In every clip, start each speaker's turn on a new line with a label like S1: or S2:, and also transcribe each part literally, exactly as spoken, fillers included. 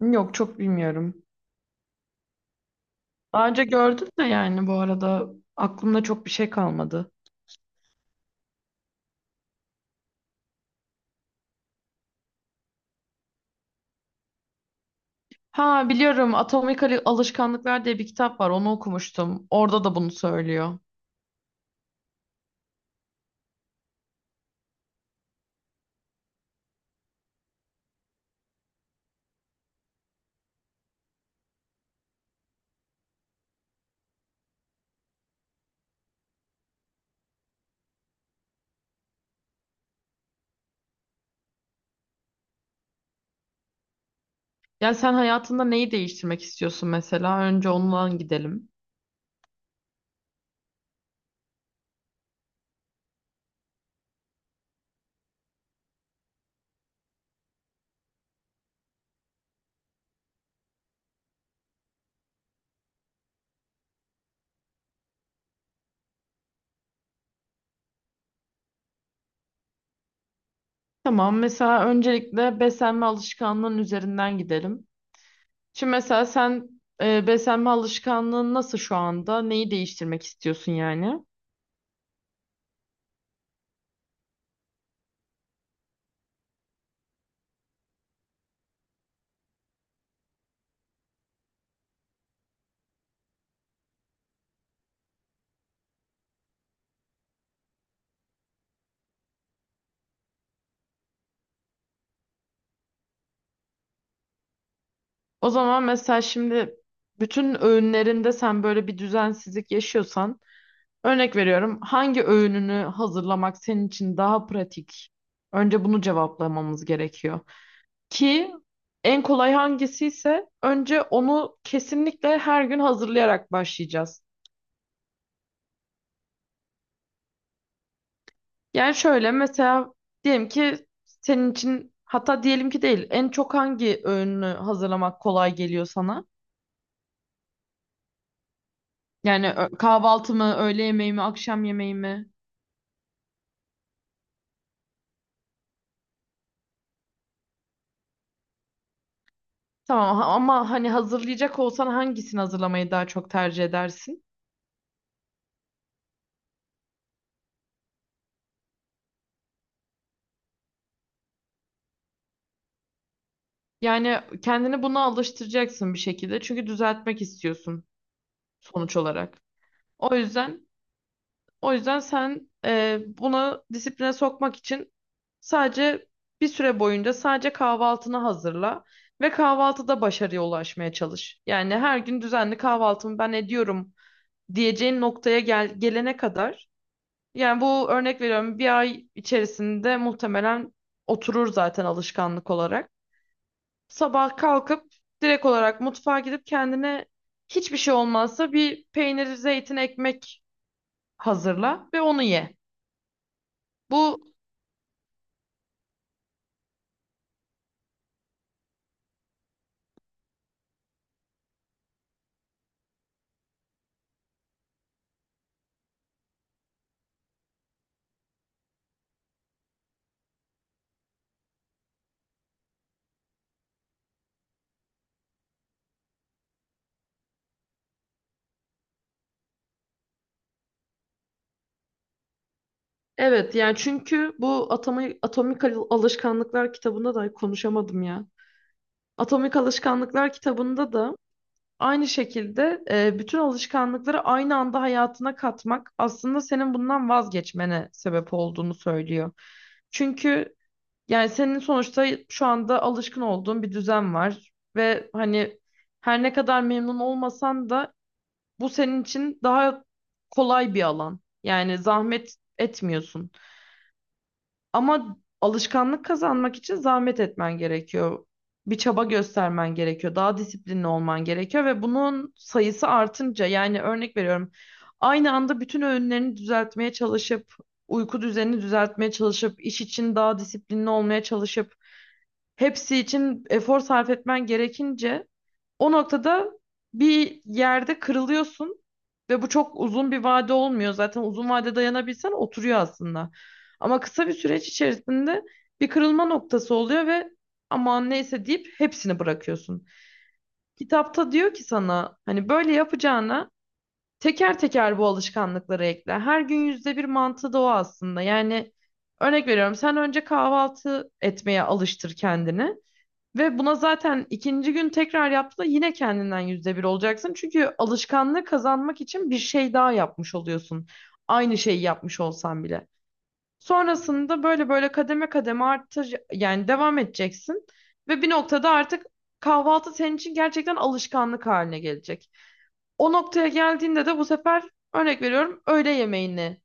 S1: Yok, çok bilmiyorum. Daha önce gördüm de yani bu arada aklımda çok bir şey kalmadı. Ha biliyorum, Atomik Ali- Alışkanlıklar diye bir kitap var, onu okumuştum. Orada da bunu söylüyor. Yani sen hayatında neyi değiştirmek istiyorsun mesela? Önce ondan gidelim. Tamam, mesela öncelikle beslenme alışkanlığın üzerinden gidelim. Şimdi mesela sen e, beslenme alışkanlığın nasıl şu anda? Neyi değiştirmek istiyorsun yani? O zaman mesela şimdi bütün öğünlerinde sen böyle bir düzensizlik yaşıyorsan, örnek veriyorum, hangi öğününü hazırlamak senin için daha pratik? Önce bunu cevaplamamız gerekiyor. Ki en kolay hangisiyse önce onu kesinlikle her gün hazırlayarak başlayacağız. Yani şöyle mesela, diyelim ki senin için, hatta diyelim ki değil, en çok hangi öğünü hazırlamak kolay geliyor sana? Yani ö- kahvaltı mı, öğle yemeği mi, akşam yemeği mi? Tamam ha- ama hani hazırlayacak olsan hangisini hazırlamayı daha çok tercih edersin? Yani kendini buna alıştıracaksın bir şekilde çünkü düzeltmek istiyorsun sonuç olarak. O yüzden O yüzden sen e, bunu disipline sokmak için sadece bir süre boyunca sadece kahvaltını hazırla ve kahvaltıda başarıya ulaşmaya çalış. Yani her gün düzenli kahvaltımı ben ediyorum diyeceğin noktaya gel, gelene kadar. Yani bu, örnek veriyorum, bir ay içerisinde muhtemelen oturur zaten alışkanlık olarak. Sabah kalkıp direkt olarak mutfağa gidip kendine, hiçbir şey olmazsa bir peynir, zeytin, ekmek hazırla ve onu ye. Bu Evet, yani çünkü bu Atomi- Atomik Al- Alışkanlıklar kitabında da konuşamadım ya. Atomik Alışkanlıklar kitabında da aynı şekilde e, bütün alışkanlıkları aynı anda hayatına katmak aslında senin bundan vazgeçmene sebep olduğunu söylüyor. Çünkü yani senin sonuçta şu anda alışkın olduğun bir düzen var ve hani her ne kadar memnun olmasan da bu senin için daha kolay bir alan. Yani zahmet etmiyorsun. Ama alışkanlık kazanmak için zahmet etmen gerekiyor. Bir çaba göstermen gerekiyor. Daha disiplinli olman gerekiyor ve bunun sayısı artınca, yani örnek veriyorum, aynı anda bütün öğünlerini düzeltmeye çalışıp, uyku düzenini düzeltmeye çalışıp, iş için daha disiplinli olmaya çalışıp, hepsi için efor sarf etmen gerekince o noktada bir yerde kırılıyorsun ve bu çok uzun bir vade olmuyor. Zaten uzun vade dayanabilsen oturuyor aslında. Ama kısa bir süreç içerisinde bir kırılma noktası oluyor ve aman neyse deyip hepsini bırakıyorsun. Kitapta diyor ki sana, hani böyle yapacağına teker teker bu alışkanlıkları ekle. Her gün yüzde bir mantığı da o aslında. Yani örnek veriyorum, sen önce kahvaltı etmeye alıştır kendini. Ve buna zaten ikinci gün tekrar yaptığında yine kendinden yüzde bir olacaksın. Çünkü alışkanlığı kazanmak için bir şey daha yapmış oluyorsun. Aynı şeyi yapmış olsan bile. Sonrasında böyle böyle kademe kademe artır, yani devam edeceksin. Ve bir noktada artık kahvaltı senin için gerçekten alışkanlık haline gelecek. O noktaya geldiğinde de bu sefer, örnek veriyorum, öğle yemeğini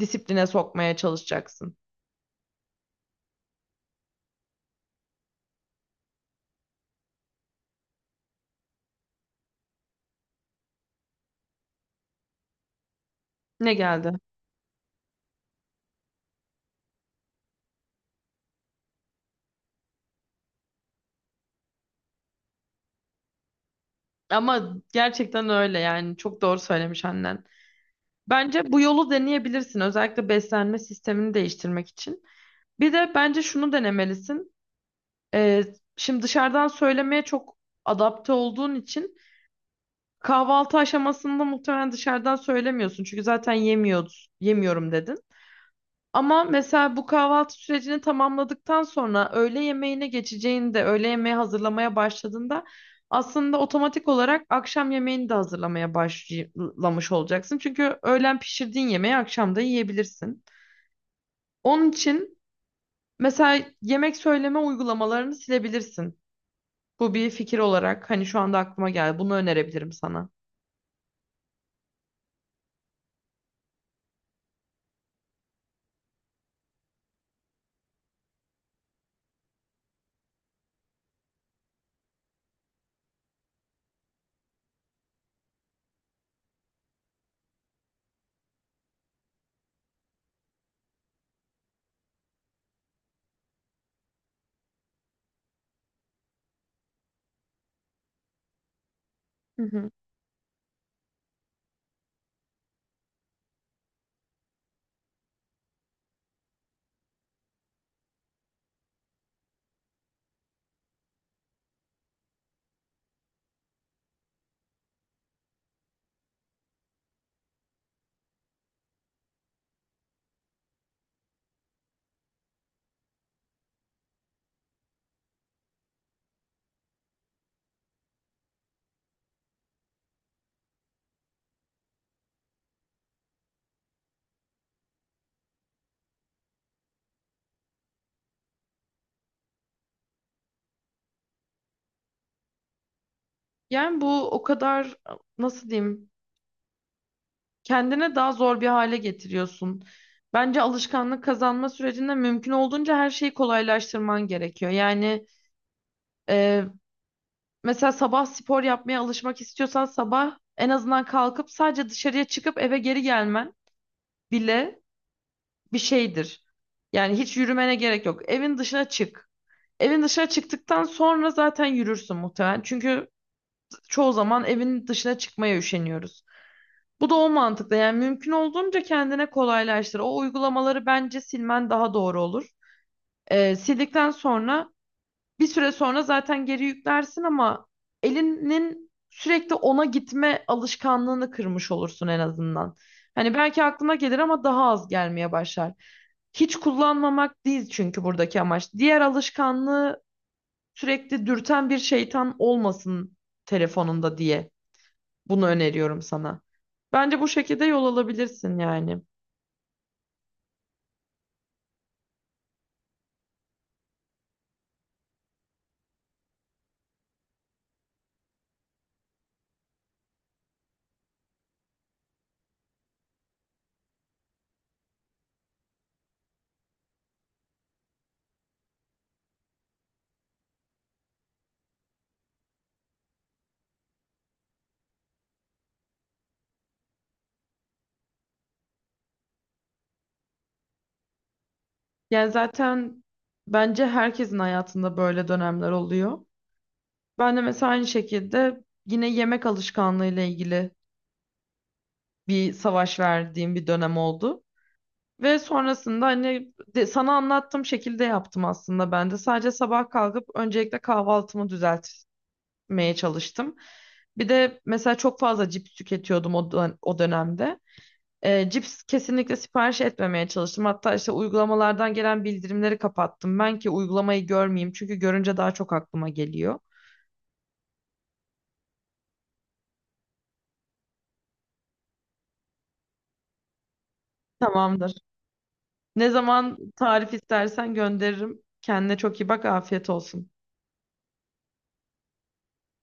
S1: disipline sokmaya çalışacaksın. Ne geldi? Ama gerçekten öyle yani, çok doğru söylemiş annen. Bence bu yolu deneyebilirsin. Özellikle beslenme sistemini değiştirmek için. Bir de bence şunu denemelisin. Ee, Şimdi dışarıdan söylemeye çok adapte olduğun için kahvaltı aşamasında muhtemelen dışarıdan söylemiyorsun. Çünkü zaten yemiyoruz, yemiyorum dedin. Ama mesela bu kahvaltı sürecini tamamladıktan sonra öğle yemeğine geçeceğinde, öğle yemeği hazırlamaya başladığında aslında otomatik olarak akşam yemeğini de hazırlamaya başlamış olacaksın. Çünkü öğlen pişirdiğin yemeği akşam da yiyebilirsin. Onun için mesela yemek söyleme uygulamalarını silebilirsin. Bu bir fikir olarak hani şu anda aklıma geldi. Bunu önerebilirim sana. Hı hı. Yani bu o kadar, nasıl diyeyim, kendine daha zor bir hale getiriyorsun. Bence alışkanlık kazanma sürecinde mümkün olduğunca her şeyi kolaylaştırman gerekiyor. Yani mesela sabah spor yapmaya alışmak istiyorsan sabah en azından kalkıp sadece dışarıya çıkıp eve geri gelmen bile bir şeydir. Yani hiç yürümene gerek yok. Evin dışına çık. Evin dışına çıktıktan sonra zaten yürürsün muhtemelen. Çünkü çoğu zaman evin dışına çıkmaya üşeniyoruz. Bu da o mantıkla, yani mümkün olduğunca kendine kolaylaştır. O uygulamaları bence silmen daha doğru olur. Ee, sildikten sonra, bir süre sonra zaten geri yüklersin ama elinin sürekli ona gitme alışkanlığını kırmış olursun en azından. Hani belki aklına gelir ama daha az gelmeye başlar. Hiç kullanmamak değil çünkü buradaki amaç. Diğer alışkanlığı sürekli dürten bir şeytan olmasın telefonunda diye bunu öneriyorum sana. Bence bu şekilde yol alabilirsin yani. Yani zaten bence herkesin hayatında böyle dönemler oluyor. Ben de mesela aynı şekilde yine yemek alışkanlığı ile ilgili bir savaş verdiğim bir dönem oldu. Ve sonrasında hani de- sana anlattığım şekilde yaptım aslında ben de. Sadece sabah kalkıp öncelikle kahvaltımı düzeltmeye çalıştım. Bir de mesela çok fazla cips tüketiyordum o, dön- o dönemde. Ee, cips kesinlikle sipariş etmemeye çalıştım. Hatta işte uygulamalardan gelen bildirimleri kapattım. Ben ki uygulamayı görmeyeyim çünkü görünce daha çok aklıma geliyor. Tamamdır. Ne zaman tarif istersen gönderirim. Kendine çok iyi bak. Afiyet olsun.